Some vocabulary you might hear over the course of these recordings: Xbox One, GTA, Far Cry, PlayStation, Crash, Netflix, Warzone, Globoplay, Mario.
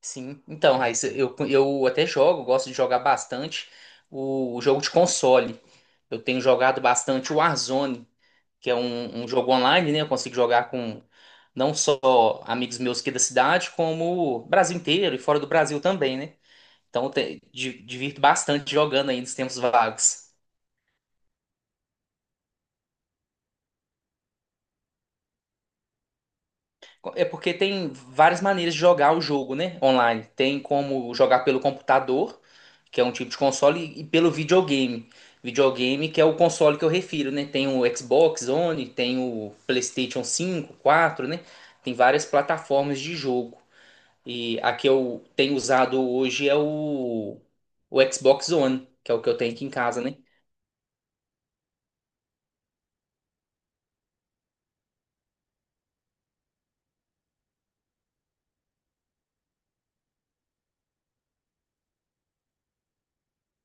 Sim, então, Raíssa, eu até jogo, gosto de jogar bastante o jogo de console. Eu tenho jogado bastante o Warzone, que é um jogo online, né? Eu consigo jogar com não só amigos meus aqui da cidade, como o Brasil inteiro e fora do Brasil também, né? Então, divirto bastante jogando aí nos tempos vagos. É porque tem várias maneiras de jogar o jogo, né? Online. Tem como jogar pelo computador, que é um tipo de console, e pelo videogame. Videogame, que é o console que eu refiro, né? Tem o Xbox One, tem o PlayStation 5, 4, né? Tem várias plataformas de jogo. E a que eu tenho usado hoje é o Xbox One, que é o que eu tenho aqui em casa, né?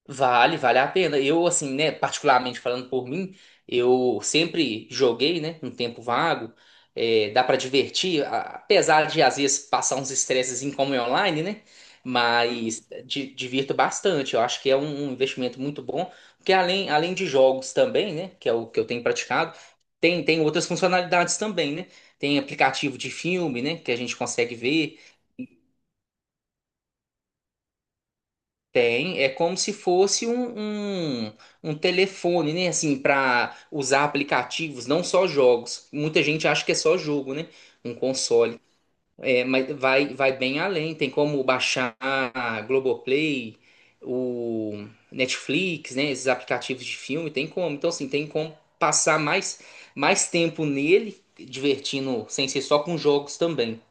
Vale, vale a pena. Eu, assim, né, particularmente falando por mim, eu sempre joguei, né, um tempo vago. É, dá pra divertir, apesar de às vezes passar uns estresses em como é online, né? Mas divirto bastante. Eu acho que é um investimento muito bom, porque além de jogos também, né, que é o que eu tenho praticado, tem outras funcionalidades também, né? Tem aplicativo de filme, né, que a gente consegue ver. Tem, é como se fosse um telefone, né? Assim, para usar aplicativos, não só jogos. Muita gente acha que é só jogo, né? Um console. É, mas vai, vai bem além. Tem como baixar a Globoplay, o Netflix, né? Esses aplicativos de filme, tem como. Então, assim, tem como passar mais tempo nele, divertindo, sem ser só com jogos também.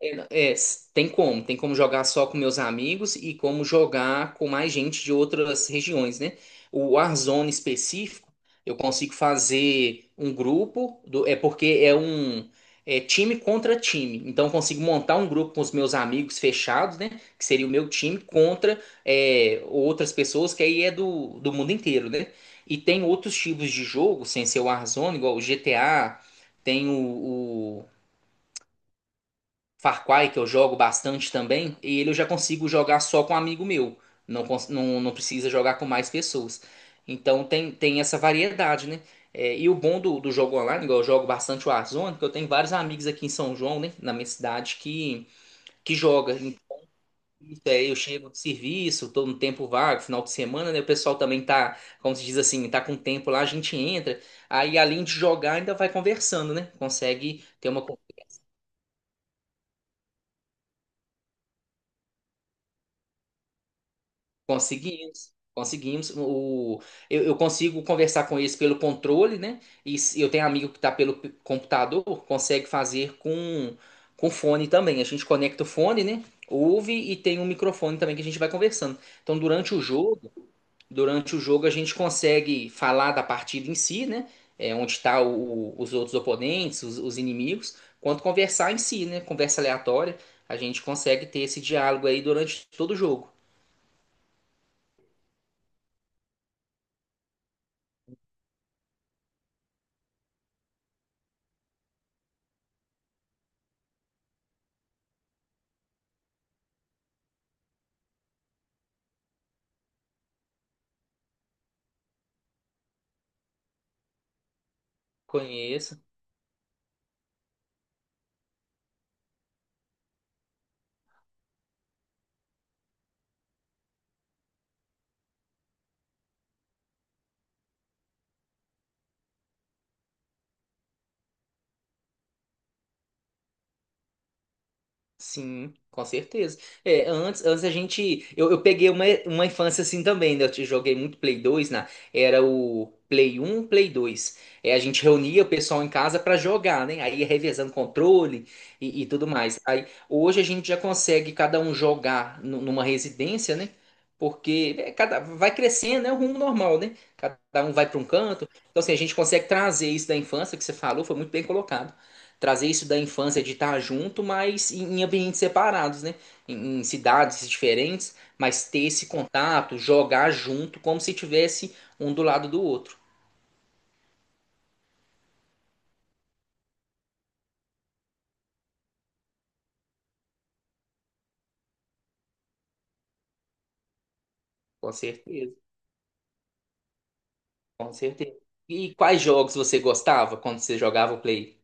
É, tem como jogar só com meus amigos e como jogar com mais gente de outras regiões, né? O Warzone específico, eu consigo fazer um grupo, do, é porque é um time contra time. Então eu consigo montar um grupo com os meus amigos fechados, né? Que seria o meu time contra é, outras pessoas que aí é do mundo inteiro, né? E tem outros tipos de jogo, sem ser o Warzone, igual o GTA, tem o, Far Cry, que eu jogo bastante também, e ele eu já consigo jogar só com um amigo meu. Não, não precisa jogar com mais pessoas. Então tem essa variedade, né? É, e o bom do jogo online, igual eu jogo bastante o Warzone, que eu tenho vários amigos aqui em São João, né? Na minha cidade, que joga. Então, é, eu chego do serviço, tô no tempo vago, final de semana, né? O pessoal também tá, como se diz assim, tá com tempo lá, a gente entra. Aí além de jogar, ainda vai conversando, né? Consegue ter uma. Conseguimos, conseguimos. Eu consigo conversar com eles pelo controle, né? E eu tenho amigo que está pelo computador, consegue fazer com fone também. A gente conecta o fone, né? Ouve e tem um microfone também que a gente vai conversando. Então, durante o jogo, durante o jogo, a gente consegue falar da partida em si, né? É, onde está os outros oponentes, os inimigos, quanto conversar em si, né? Conversa aleatória. A gente consegue ter esse diálogo aí durante todo o jogo. Conheço. Sim, com certeza. É, antes a gente. Eu peguei uma infância assim também, né? Joguei muito Play 2, né? Era o Play 1, Play 2. É, a gente reunia o pessoal em casa pra jogar, né? Aí ia revezando controle e tudo mais. Aí, hoje a gente já consegue cada um jogar numa residência, né? Porque é, cada, vai crescendo, é o rumo normal, né? Cada um vai pra um canto. Então, assim, a gente consegue trazer isso da infância que você falou, foi muito bem colocado, trazer isso da infância de estar junto, mas em ambientes separados, né? Em cidades diferentes, mas ter esse contato, jogar junto, como se tivesse um do lado do outro. Com certeza, com certeza. E quais jogos você gostava quando você jogava o Play?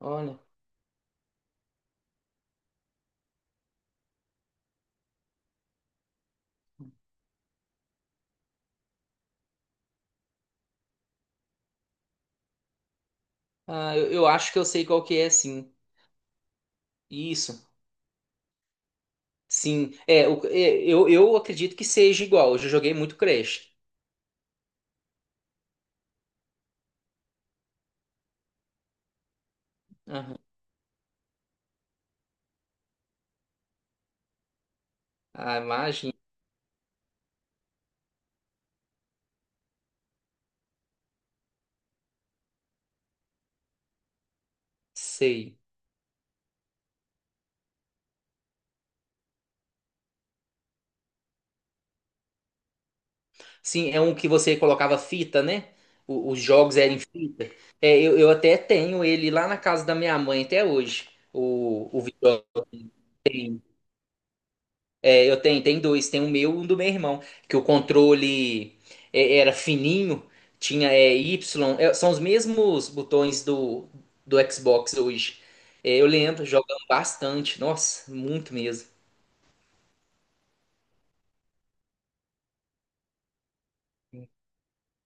Olha, ah, eu acho que eu sei qual que é, sim. Isso, sim. É, eu acredito que seja igual. Eu já joguei muito Crash. Aham. Ah, imagina, sei. Sim, é um que você colocava fita, né? Os jogos eram em fita. É, eu até tenho ele lá na casa da minha mãe até hoje. O videogame. É, eu tenho, tem dois, tem o meu e um do meu irmão. Que o controle é, era fininho, tinha Y, são os mesmos botões do Xbox hoje. É, eu lembro, jogando bastante. Nossa, muito mesmo.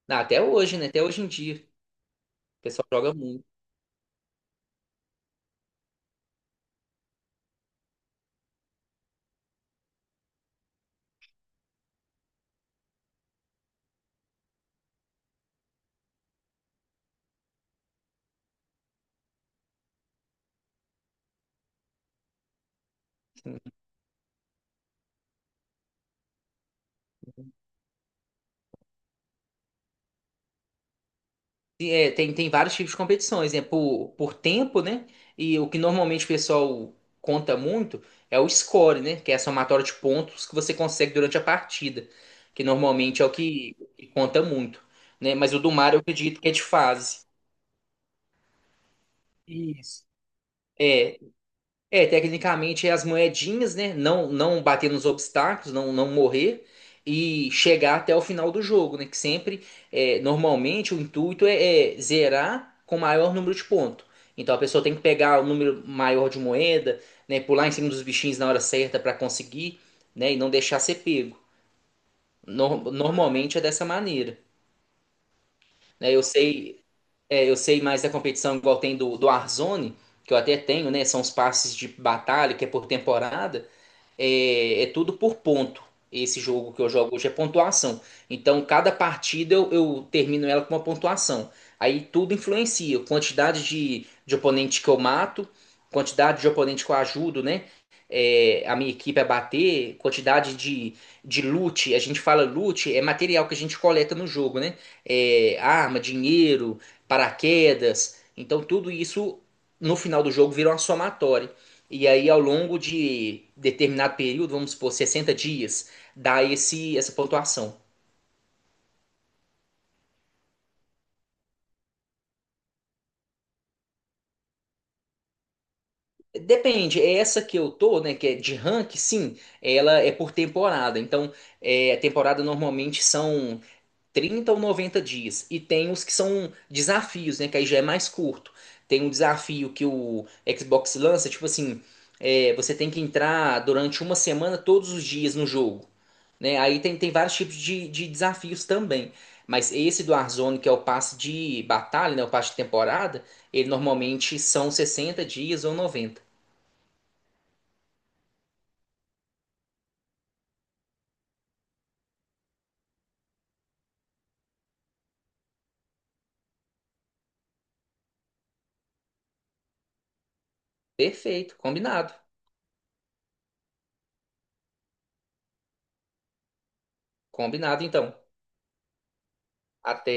Ah, até hoje, né? Até hoje em dia. O pessoal joga muito. É, tem vários tipos de competições, né? Por tempo, né? E o que normalmente o pessoal conta muito é o score, né? Que é a somatória de pontos que você consegue durante a partida, que normalmente é o que conta muito, né? Mas o do Mario eu acredito que é de fase. Isso. É, tecnicamente é as moedinhas, né? Não, não bater nos obstáculos, não, não morrer e chegar até o final do jogo, né? Que sempre, é, normalmente, o intuito é zerar com o maior número de pontos. Então a pessoa tem que pegar o número maior de moeda, né? Pular em cima dos bichinhos na hora certa para conseguir, né? E não deixar ser pego. Normalmente é dessa maneira. Né? Eu sei, é, eu sei mais da competição, igual tem do Warzone, que eu até tenho, né? São os passes de batalha, que é por temporada. É tudo por ponto. Esse jogo que eu jogo hoje é pontuação. Então, cada partida eu termino ela com uma pontuação. Aí tudo influencia. Quantidade de oponente que eu mato, quantidade de oponente que eu ajudo, né? É, a minha equipe a bater, quantidade de, loot. A gente fala loot, é material que a gente coleta no jogo, né? É, arma, dinheiro, paraquedas. Então tudo isso no final do jogo vira uma somatória. E aí ao longo de determinado período, vamos supor 60 dias, dá esse essa pontuação. Depende, é essa que eu tô, né, que é de rank, sim, ela é por temporada. Então, é, a temporada normalmente são 30 ou 90 dias. E tem os que são desafios, né? Que aí já é mais curto. Tem um desafio que o Xbox lança, tipo assim, é, você tem que entrar durante uma semana todos os dias no jogo. Né? Aí tem vários tipos de desafios também. Mas esse do Warzone, que é o passe de batalha, né? O passe de temporada, ele normalmente são 60 dias ou 90. Perfeito, combinado. Combinado então. Até.